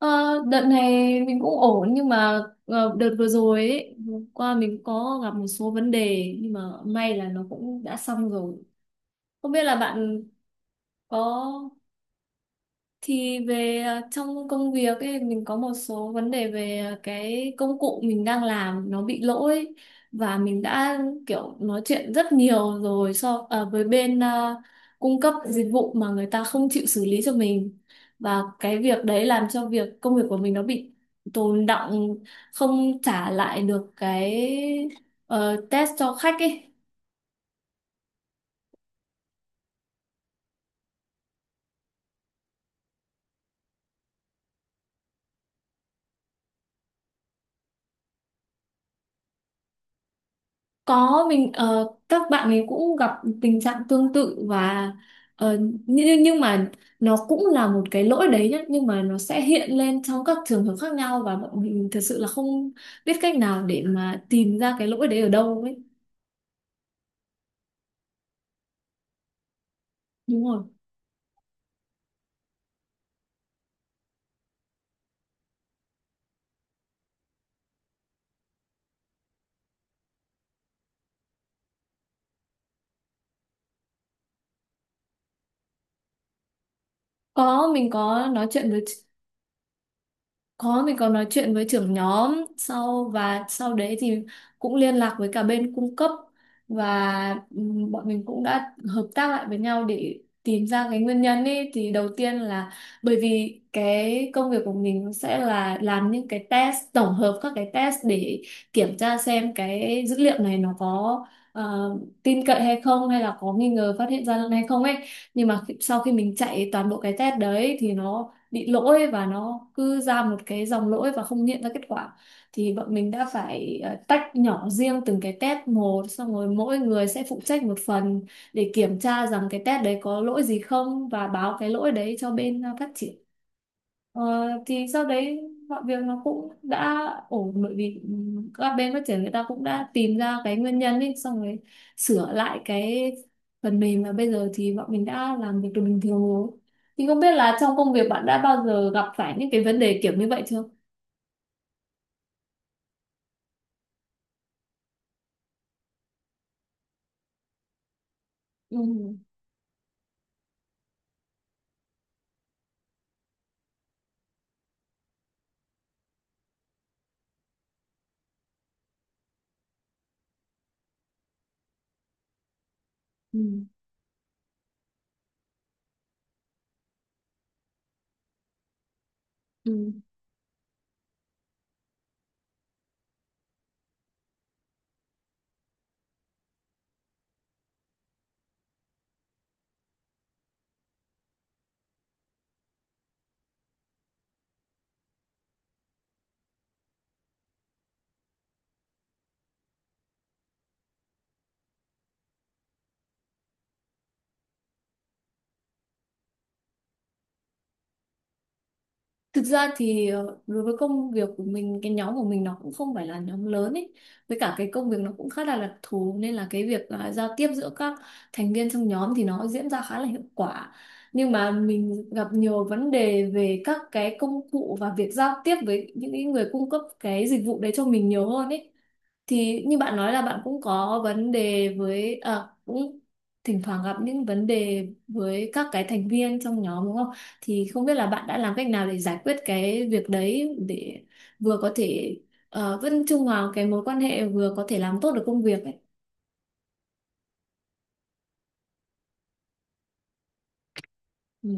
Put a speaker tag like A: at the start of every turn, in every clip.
A: Ờ, Đợt này mình cũng ổn nhưng mà đợt vừa rồi ấy, vừa qua mình có gặp một số vấn đề nhưng mà may là nó cũng đã xong rồi. Không biết là bạn có thì về trong công việc ấy mình có một số vấn đề về cái công cụ mình đang làm nó bị lỗi, và mình đã kiểu nói chuyện rất nhiều rồi so với bên cung cấp dịch vụ mà người ta không chịu xử lý cho mình, và cái việc đấy làm cho việc công việc của mình nó bị tồn đọng, không trả lại được cái test cho khách ấy. Có, mình các bạn ấy cũng gặp tình trạng tương tự và ờ, nhưng mà nó cũng là một cái lỗi đấy nhá, nhưng mà nó sẽ hiện lên trong các trường hợp khác nhau và bọn mình thật sự là không biết cách nào để mà tìm ra cái lỗi đấy ở đâu ấy. Đúng rồi. Có, mình có nói chuyện với. Có, mình có nói chuyện với trưởng nhóm, sau và sau đấy thì cũng liên lạc với cả bên cung cấp và bọn mình cũng đã hợp tác lại với nhau để tìm ra cái nguyên nhân ấy. Thì đầu tiên là bởi vì cái công việc của mình sẽ là làm những cái test tổng hợp các cái test để kiểm tra xem cái dữ liệu này nó có ờ, tin cậy hay không, hay là có nghi ngờ phát hiện gian lận hay không ấy, nhưng mà sau khi mình chạy toàn bộ cái test đấy thì nó bị lỗi và nó cứ ra một cái dòng lỗi và không hiện ra kết quả. Thì bọn mình đã phải tách nhỏ riêng từng cái test một, xong rồi mỗi người sẽ phụ trách một phần để kiểm tra rằng cái test đấy có lỗi gì không và báo cái lỗi đấy cho bên phát triển. Ờ, thì sau đấy mọi việc nó cũng đã ổn, bởi vì các bên phát triển người ta cũng đã tìm ra cái nguyên nhân ấy xong rồi sửa lại cái phần mềm, và bây giờ thì bọn mình đã làm việc được bình thường rồi. Thì không biết là trong công việc bạn đã bao giờ gặp phải những cái vấn đề kiểu như vậy chưa? Ừ. Ừ. Ừ. Thực ra thì đối với công việc của mình, cái nhóm của mình nó cũng không phải là nhóm lớn ấy. Với cả cái công việc nó cũng khá là đặc thù, nên là cái việc à, giao tiếp giữa các thành viên trong nhóm thì nó diễn ra khá là hiệu quả. Nhưng mà mình gặp nhiều vấn đề về các cái công cụ và việc giao tiếp với những cái người cung cấp cái dịch vụ đấy cho mình nhiều hơn ấy. Thì như bạn nói là bạn cũng có vấn đề với à, cũng thỉnh thoảng gặp những vấn đề với các cái thành viên trong nhóm đúng không? Thì không biết là bạn đã làm cách nào để giải quyết cái việc đấy để vừa có thể vẫn trung hòa cái mối quan hệ, vừa có thể làm tốt được công việc ấy. Ừ.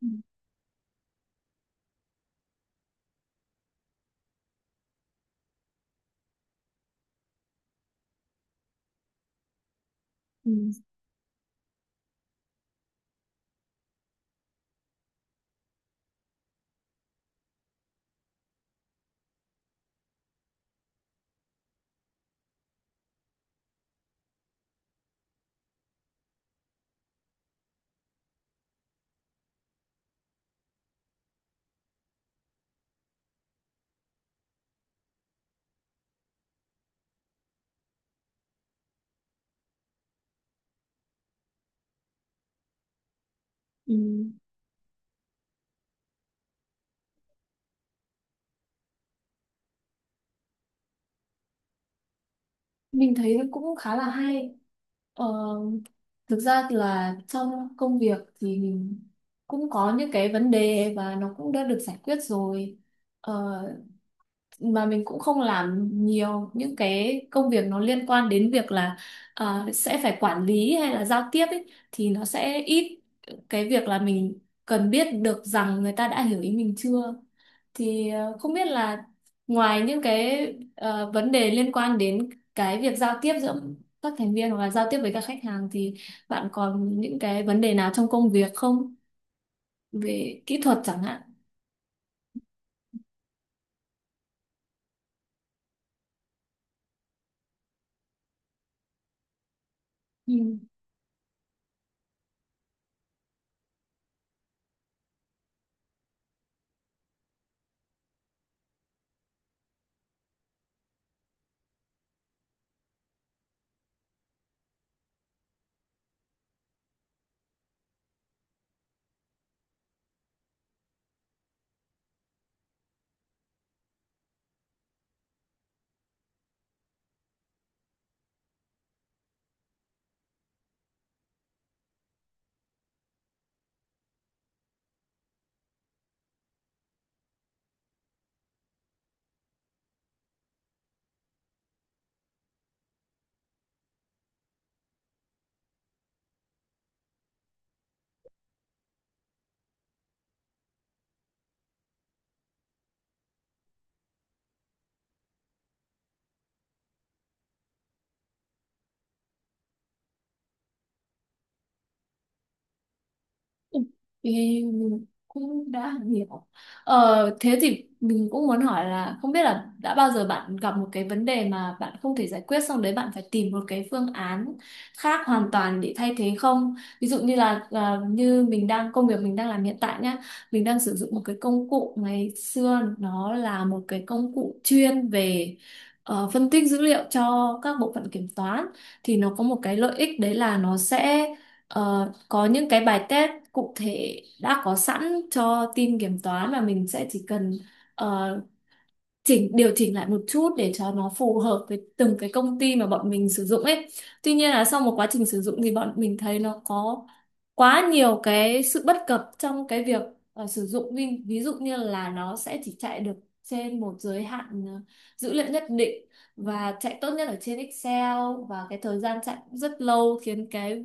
A: Ừ, ừ, ừ. Mình thấy cũng khá là hay. Ờ, Thực ra là trong công việc thì mình cũng có những cái vấn đề và nó cũng đã được giải quyết rồi. Ờ, mà mình cũng không làm nhiều những cái công việc nó liên quan đến việc là sẽ phải quản lý hay là giao tiếp ấy, thì nó sẽ ít cái việc là mình cần biết được rằng người ta đã hiểu ý mình chưa. Thì không biết là ngoài những cái vấn đề liên quan đến cái việc giao tiếp giữa các thành viên hoặc là giao tiếp với các khách hàng thì bạn còn những cái vấn đề nào trong công việc không, về kỹ thuật chẳng hạn? Ừ. Ừ. Thì mình cũng đã hiểu. Thế thì mình cũng muốn hỏi là không biết là đã bao giờ bạn gặp một cái vấn đề mà bạn không thể giải quyết xong đấy, bạn phải tìm một cái phương án khác hoàn toàn để thay thế không? Ví dụ như là như mình đang công việc mình đang làm hiện tại nhá, mình đang sử dụng một cái công cụ ngày xưa, nó là một cái công cụ chuyên về phân tích dữ liệu cho các bộ phận kiểm toán. Thì nó có một cái lợi ích đấy là nó sẽ ờ, có những cái bài test cụ thể đã có sẵn cho team kiểm toán, mà mình sẽ chỉ cần ờ, chỉnh điều chỉnh lại một chút để cho nó phù hợp với từng cái công ty mà bọn mình sử dụng ấy. Tuy nhiên là sau một quá trình sử dụng thì bọn mình thấy nó có quá nhiều cái sự bất cập trong cái việc sử dụng. Ví dụ như là nó sẽ chỉ chạy được trên một giới hạn dữ liệu nhất định, và chạy tốt nhất ở trên Excel, và cái thời gian chạy cũng rất lâu khiến cái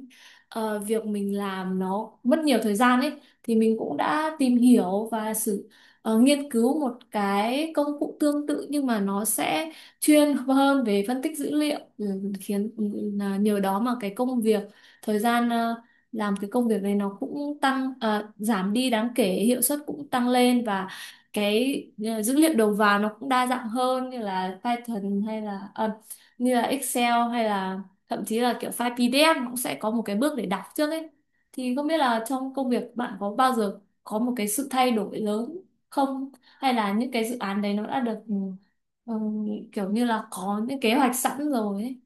A: việc mình làm nó mất nhiều thời gian ấy. Thì mình cũng đã tìm hiểu và nghiên cứu một cái công cụ tương tự, nhưng mà nó sẽ chuyên hơn về phân tích dữ liệu, khiến là nhờ đó mà cái công việc thời gian làm cái công việc này nó cũng giảm đi đáng kể, hiệu suất cũng tăng lên, và cái dữ liệu đầu vào nó cũng đa dạng hơn, như là Python hay là như là Excel, hay là thậm chí là kiểu file PDF nó cũng sẽ có một cái bước để đọc trước ấy. Thì không biết là trong công việc bạn có bao giờ có một cái sự thay đổi lớn không, hay là những cái dự án đấy nó đã được ừ, kiểu như là có những kế hoạch sẵn rồi ấy?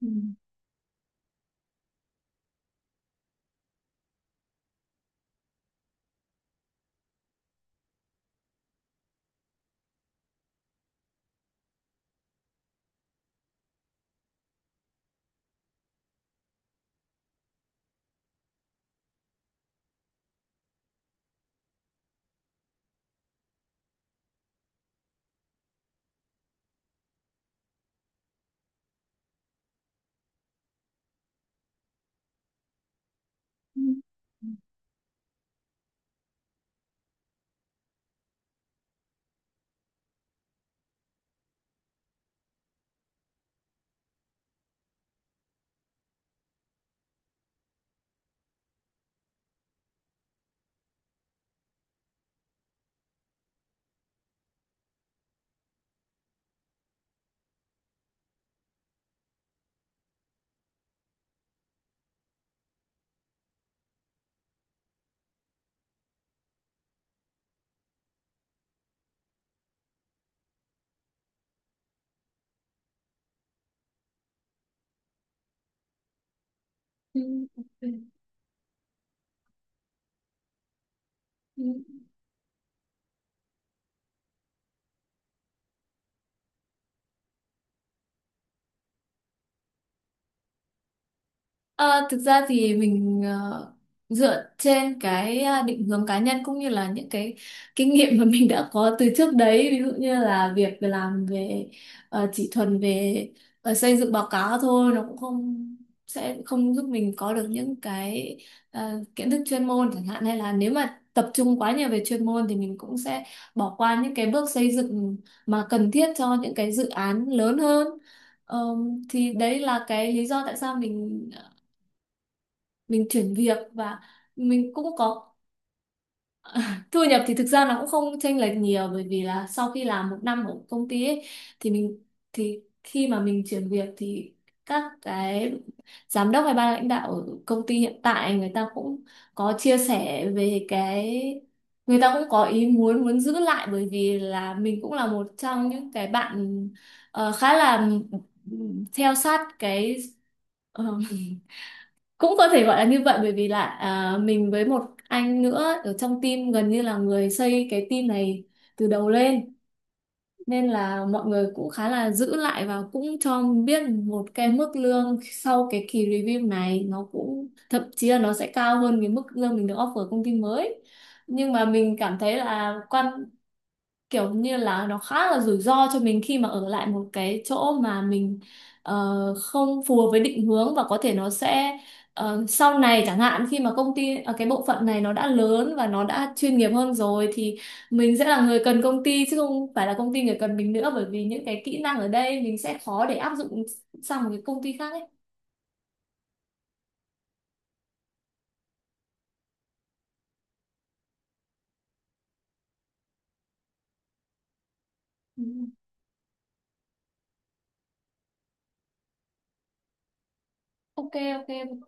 A: Ừ. Ừ. Ừ. Ok. Ừ. Ờ, Thực ra thì mình dựa trên cái định hướng cá nhân, cũng như là những cái kinh nghiệm mà mình đã có từ trước đấy. Ví dụ như là việc làm về chỉ thuần về xây dựng báo cáo thôi nó cũng không sẽ không giúp mình có được những cái kiến thức chuyên môn chẳng hạn, hay là nếu mà tập trung quá nhiều về chuyên môn thì mình cũng sẽ bỏ qua những cái bước xây dựng mà cần thiết cho những cái dự án lớn hơn. Ờ, thì đấy là cái lý do tại sao mình chuyển việc. Và mình cũng có thu nhập thì thực ra nó cũng không chênh lệch nhiều, bởi vì là sau khi làm một năm ở công ty ấy, thì mình thì khi mà mình chuyển việc thì các cái giám đốc hay ban lãnh đạo ở công ty hiện tại người ta cũng có chia sẻ về cái người ta cũng có ý muốn muốn giữ lại, bởi vì là mình cũng là một trong những cái bạn khá là ừ, theo sát cái ờ, cũng có thể gọi là như vậy, bởi vì là à, mình với một anh nữa ở trong team gần như là người xây cái team này từ đầu lên, nên là mọi người cũng khá là giữ lại và cũng cho biết một cái mức lương sau cái kỳ review này nó cũng thậm chí là nó sẽ cao hơn cái mức lương mình được offer công ty mới. Nhưng mà mình cảm thấy là quan kiểu như là nó khá là rủi ro cho mình khi mà ở lại một cái chỗ mà mình không phù hợp với định hướng, và có thể nó sẽ sau này chẳng hạn khi mà công ty cái bộ phận này nó đã lớn và nó đã chuyên nghiệp hơn rồi, thì mình sẽ là người cần công ty chứ không phải là công ty người cần mình nữa, bởi vì những cái kỹ năng ở đây mình sẽ khó để áp dụng sang một cái công ty khác ấy. Ừ. Ok ok ok.